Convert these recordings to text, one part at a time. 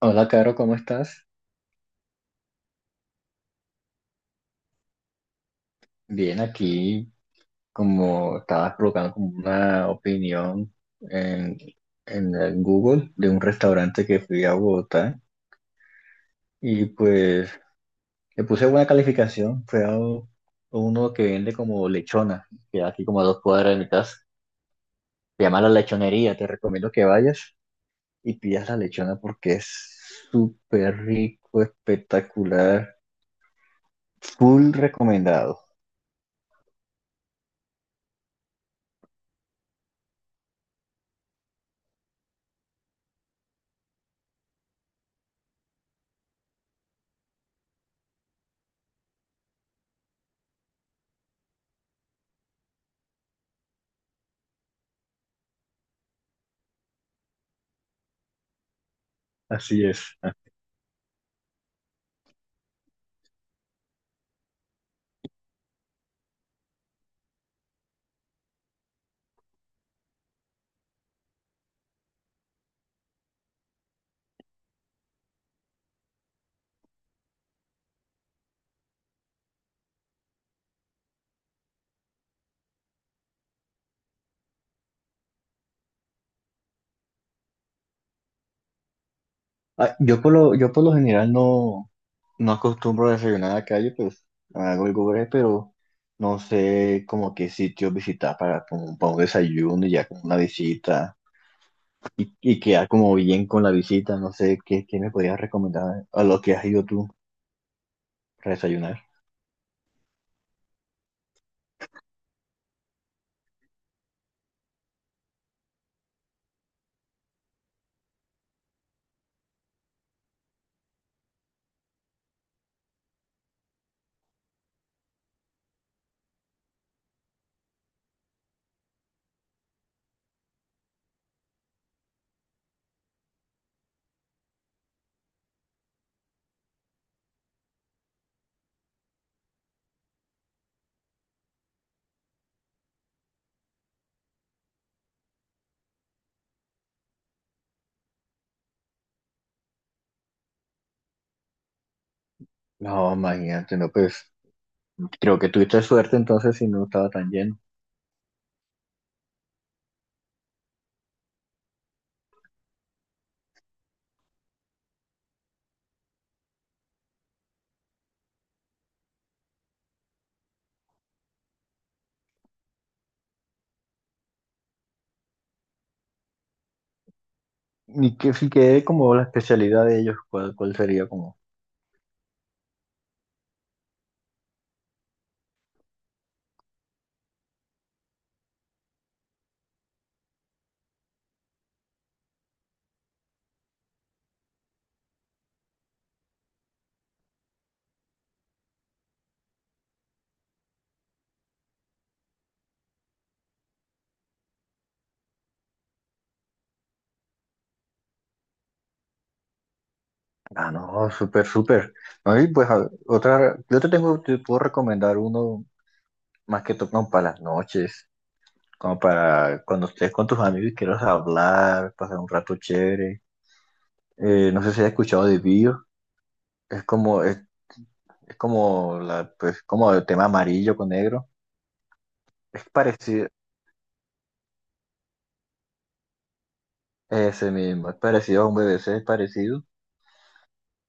Hola, Caro, ¿cómo estás? Bien, aquí como estabas provocando como una opinión en, en el Google de un restaurante que fui a Bogotá y pues le puse buena calificación. Fue a uno que vende como lechona, que aquí como a dos cuadras de mi casa. Se llama La Lechonería, te recomiendo que vayas y pidas la lechona porque es súper rico, espectacular, full recomendado. Así es. Yo por lo general no. No acostumbro a desayunar en la calle, pues hago el Google, pero no sé como qué sitio visitar para, como, para un desayuno y ya con una visita y quedar como bien con la visita. No sé qué me podrías recomendar a lo que has ido tú para desayunar. No, imagínate, no, pues creo que tuviste suerte entonces si no estaba tan lleno. Y que si quedé como la especialidad de ellos, ¿cuál, cuál sería como? Ah, no, súper, súper. No, y pues otra, yo te tengo, te puedo recomendar uno más que todo como para las noches, como para cuando estés con tus amigos y quieras hablar, pasar un rato chévere. No sé si has escuchado de Bio, es es como la, pues, como el tema amarillo con negro. Es parecido, ese mismo, es parecido a un BBC, es parecido,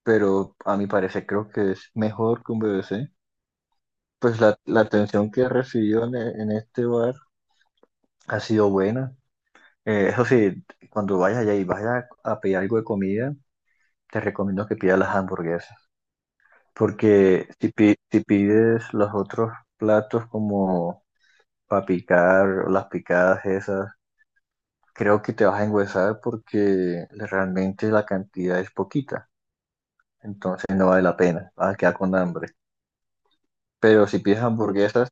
pero a mi parecer creo que es mejor que un BBC. Pues la atención que he recibido en, en este bar ha sido buena. Eso sí, cuando vayas allá y vayas a pedir algo de comida, te recomiendo que pidas las hamburguesas. Porque si pides los otros platos como para picar, o las picadas esas, creo que te vas a engüesar porque realmente la cantidad es poquita. Entonces no vale la pena, vas a quedar con hambre. Pero si pides hamburguesas,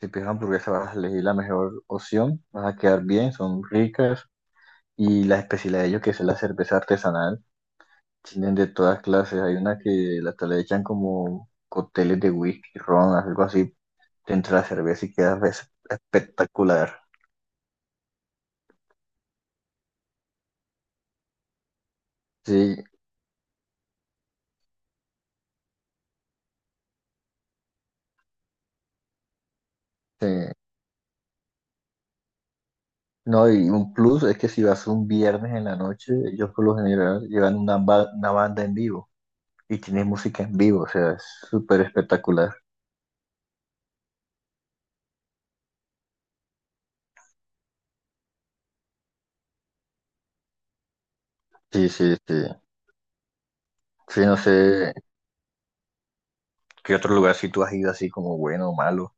si pides hamburguesas vas a elegir la mejor opción, vas a quedar bien, son ricas. Y la especialidad de ellos, que es la cerveza artesanal, tienen de todas clases. Hay una que la le echan como cócteles de whisky, ron, algo así te entra la cerveza y quedas espectacular. Sí, sí. No, y un plus es que si vas un viernes en la noche, ellos por lo general llevan una banda en vivo y tienen música en vivo, o sea, es súper espectacular. Sí, sí, sí. Sí, no sé qué otro lugar si tú has ido así como bueno o malo.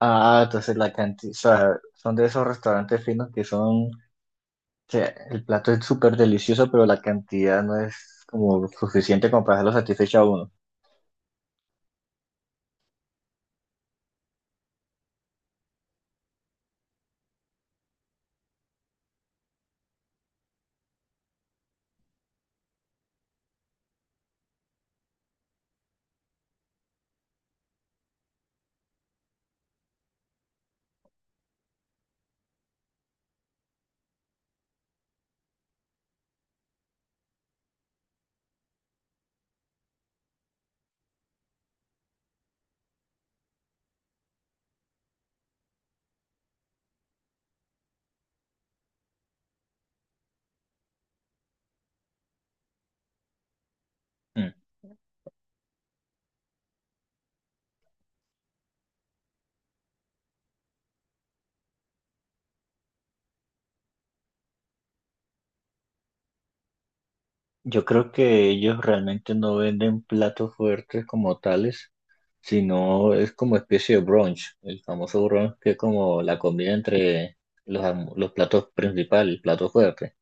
Ah, entonces la cantidad, o sea, son de esos restaurantes finos que el plato es súper delicioso, pero la cantidad no es como suficiente como para hacerlo satisfecho a uno. Yo creo que ellos realmente no venden platos fuertes como tales, sino es como especie de brunch, el famoso brunch que es como la comida entre los platos principales, el plato fuerte.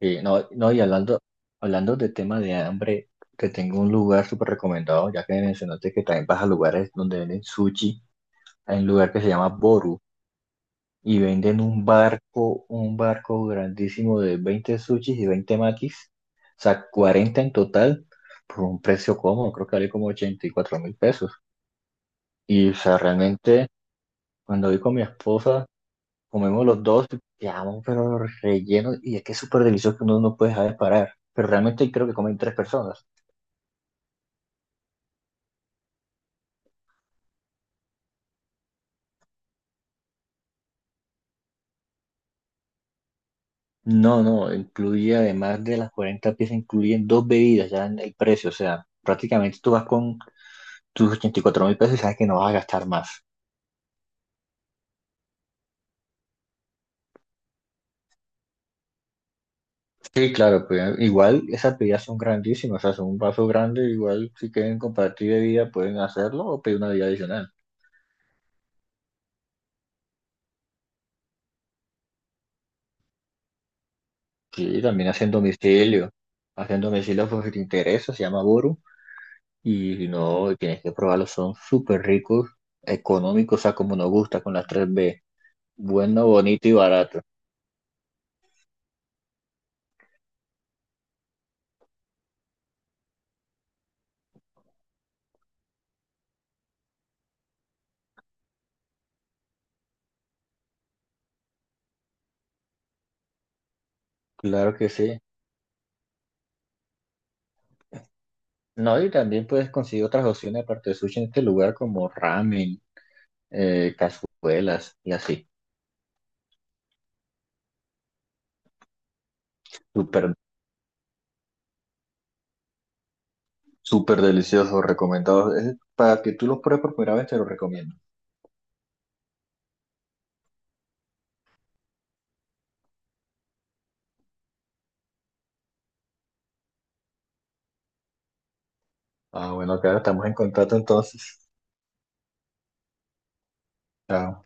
Y no, no, y hablando, hablando de tema de hambre, te tengo un lugar súper recomendado, ya que mencionaste que también vas a lugares donde venden sushi, hay un lugar que se llama Boru. Y venden un barco grandísimo de 20 sushis y 20 makis, o sea, 40 en total, por un precio cómodo, creo que vale como 84.000 pesos. Y, o sea, realmente, cuando voy con mi esposa, comemos los dos, quedamos pero rellenos, y es que es súper delicioso que uno no puede dejar de parar. Pero realmente creo que comen tres personas. No, no, incluye además de las 40 piezas, incluyen dos bebidas ya en el precio, o sea, prácticamente tú vas con tus 84.000 pesos y sabes que no vas a gastar más. Sí, claro, pues igual esas bebidas son grandísimas, o sea, son un vaso grande, igual si quieren compartir bebida pueden hacerlo o pedir una bebida adicional. Sí, también hacen domicilio por si te interesa, se llama Boru, y si no, tienes que probarlos, son súper ricos, económicos, o sea, como nos gusta con las tres b, bueno, bonito y barato. Claro que sí. No, y también puedes conseguir otras opciones aparte de sushi en este lugar como ramen, cazuelas y así. Súper Súper delicioso, recomendado. Es para que tú los pruebes por primera vez, te lo recomiendo. Ah, bueno, acá estamos en contacto entonces. Chao.